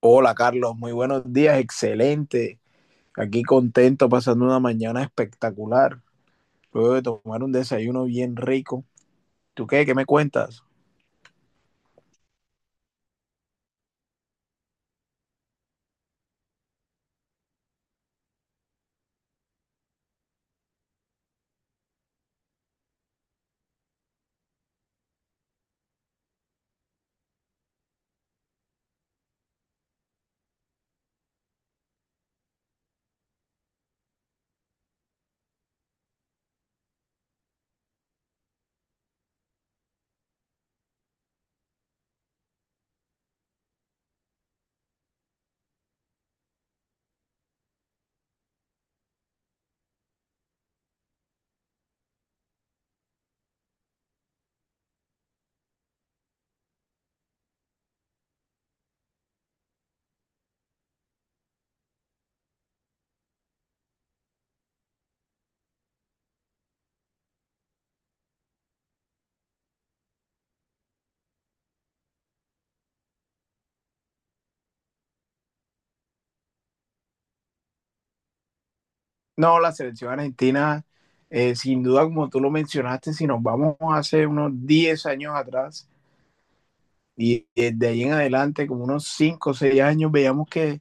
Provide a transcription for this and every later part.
Hola Carlos, muy buenos días, excelente. Aquí contento, pasando una mañana espectacular. Luego de tomar un desayuno bien rico. ¿Tú qué? ¿Qué me cuentas? No, la selección argentina, sin duda, como tú lo mencionaste, si nos vamos hace unos 10 años atrás y desde ahí en adelante, como unos 5 o 6 años, veíamos que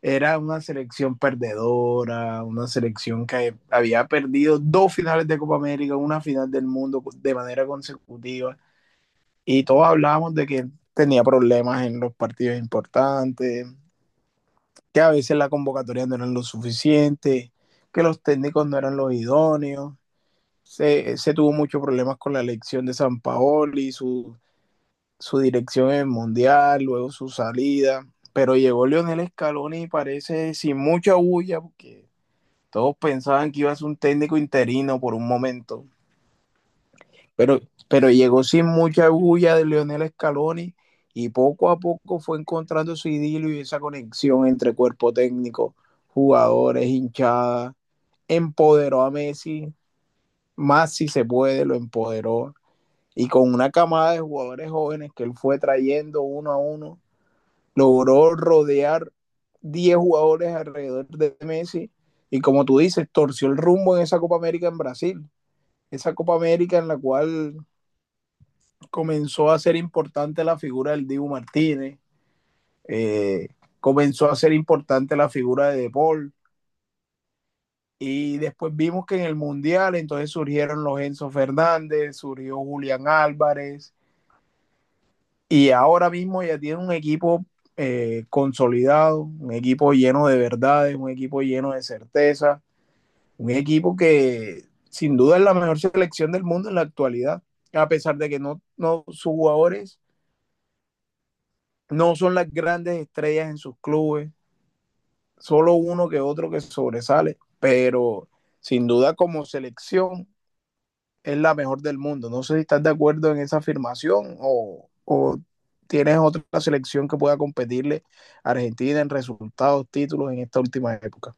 era una selección perdedora, una selección que había perdido dos finales de Copa América, una final del mundo de manera consecutiva. Y todos hablábamos de que tenía problemas en los partidos importantes, que a veces la convocatoria no era lo suficiente, que los técnicos no eran los idóneos. Se tuvo muchos problemas con la elección de San Paoli, su dirección en el Mundial, luego su salida. Pero llegó Lionel Scaloni y parece sin mucha bulla, porque todos pensaban que iba a ser un técnico interino por un momento. Pero, pero llegó sin mucha bulla de Lionel Scaloni, y poco a poco fue encontrando su idilio y esa conexión entre cuerpo técnico, jugadores, hinchada. Empoderó a Messi, más si se puede, lo empoderó. Y con una camada de jugadores jóvenes que él fue trayendo uno a uno, logró rodear 10 jugadores alrededor de Messi. Y como tú dices, torció el rumbo en esa Copa América en Brasil. Esa Copa América en la cual comenzó a ser importante la figura del Dibu Martínez, eh, comenzó a ser importante la figura de De Paul, y después vimos que en el Mundial entonces surgieron los Enzo Fernández, surgió Julián Álvarez, y ahora mismo ya tiene un equipo consolidado, un equipo lleno de verdades, un equipo lleno de certeza, un equipo que sin duda es la mejor selección del mundo en la actualidad, a pesar de que no, no sus jugadores no son las grandes estrellas en sus clubes, solo uno que otro que sobresale, pero sin duda como selección es la mejor del mundo. No sé si estás de acuerdo en esa afirmación o tienes otra selección que pueda competirle a Argentina en resultados, títulos en esta última época.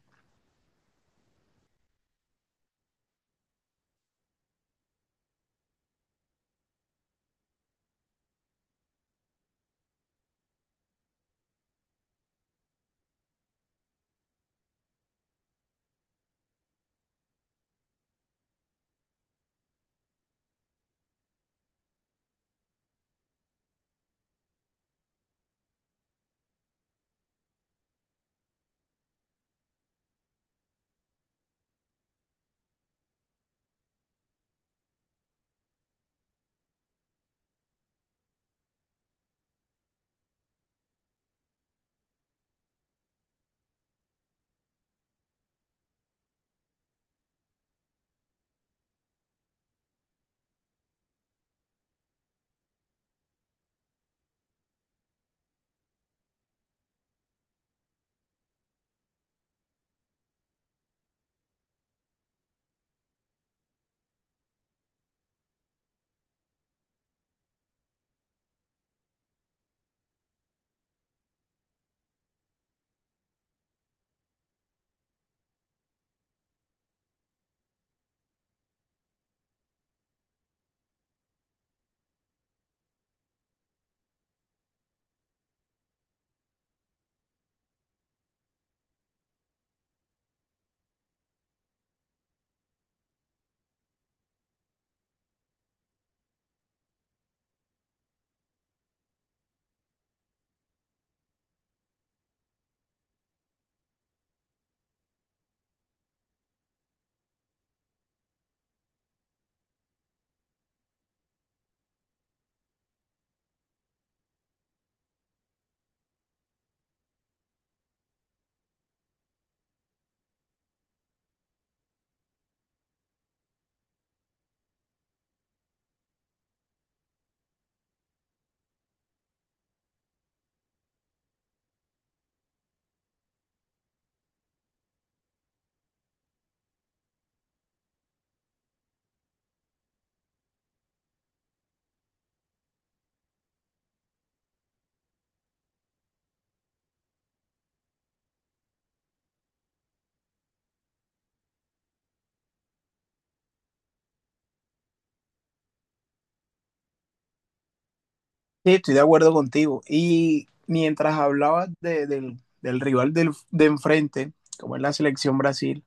Sí, estoy de acuerdo contigo. Y mientras hablabas del rival de enfrente, como es la selección Brasil,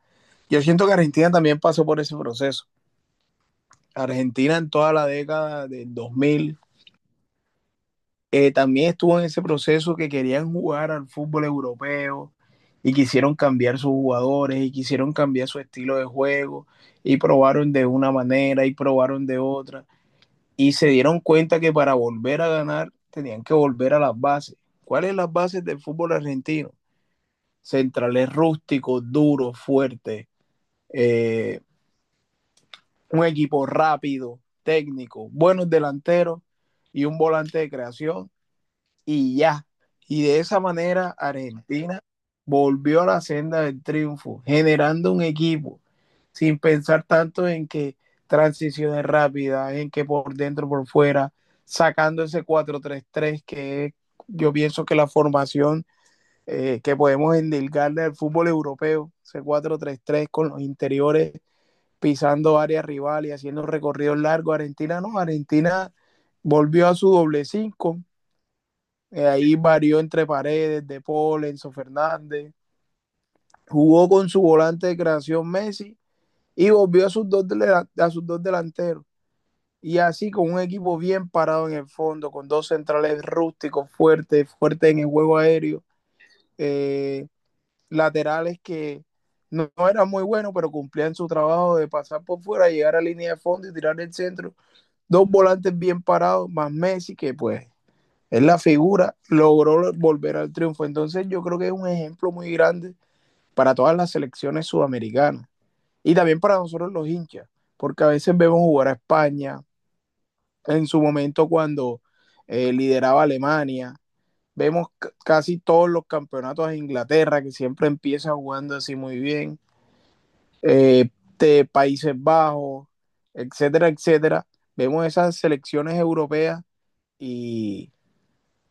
yo siento que Argentina también pasó por ese proceso. Argentina en toda la década del 2000 también estuvo en ese proceso que querían jugar al fútbol europeo, y quisieron cambiar sus jugadores y quisieron cambiar su estilo de juego, y probaron de una manera y probaron de otra, y se dieron cuenta que para volver a ganar tenían que volver a las bases. ¿Cuáles son las bases del fútbol argentino? Centrales rústicos, duros, fuertes, eh, un equipo rápido, técnico, buenos delanteros y un volante de creación, y ya. Y de esa manera Argentina volvió a la senda del triunfo, generando un equipo sin pensar tanto en que transiciones rápidas, en que por dentro, por fuera, sacando ese 4-3-3 que es, yo pienso que la formación que podemos endilgarle al fútbol europeo, ese 4-3-3 con los interiores pisando áreas rivales y haciendo recorridos largos. Argentina no, Argentina volvió a su doble cinco, ahí varió entre paredes, De Paul, Enzo Fernández, jugó con su volante de creación Messi y volvió a sus dos, delanteros. Y así con un equipo bien parado en el fondo, con dos centrales rústicos fuertes, fuertes en el juego aéreo, eh, laterales que no, no eran muy buenos, pero cumplían su trabajo de pasar por fuera, llegar a línea de fondo y tirar el centro, dos volantes bien parados, más Messi, que pues es la figura, logró volver al triunfo. Entonces yo creo que es un ejemplo muy grande para todas las selecciones sudamericanas y también para nosotros los hinchas, porque a veces vemos jugar a España, en su momento cuando lideraba Alemania, vemos casi todos los campeonatos de Inglaterra que siempre empieza jugando así muy bien, eh, de Países Bajos, etcétera, etcétera. Vemos esas selecciones europeas y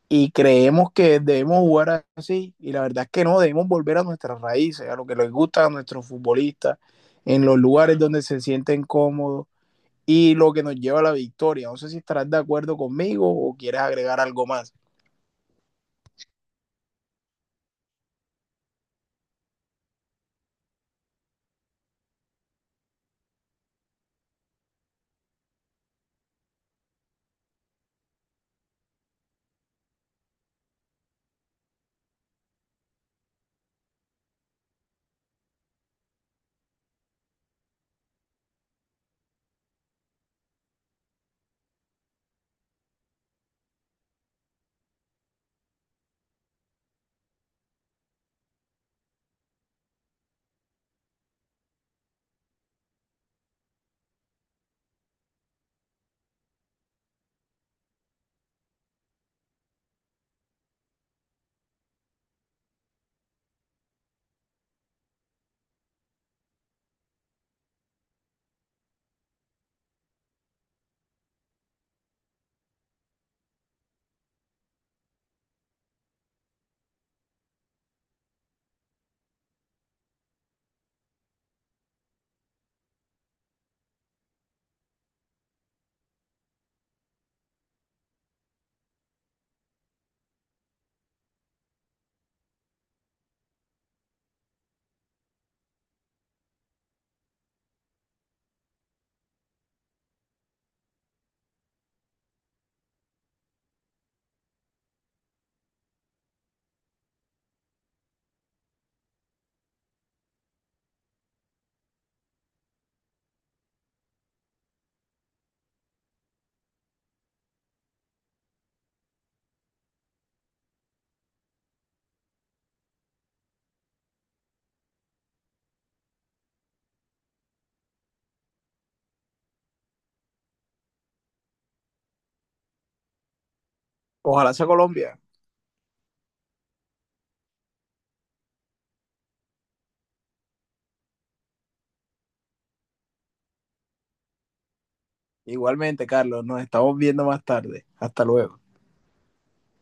y creemos que debemos jugar así, y la verdad es que no, debemos volver a nuestras raíces, a lo que les gusta a nuestros futbolistas, en los lugares donde se sienten cómodos, y lo que nos lleva a la victoria. No sé si estarás de acuerdo conmigo o quieres agregar algo más. Ojalá sea Colombia. Igualmente, Carlos, nos estamos viendo más tarde. Hasta luego.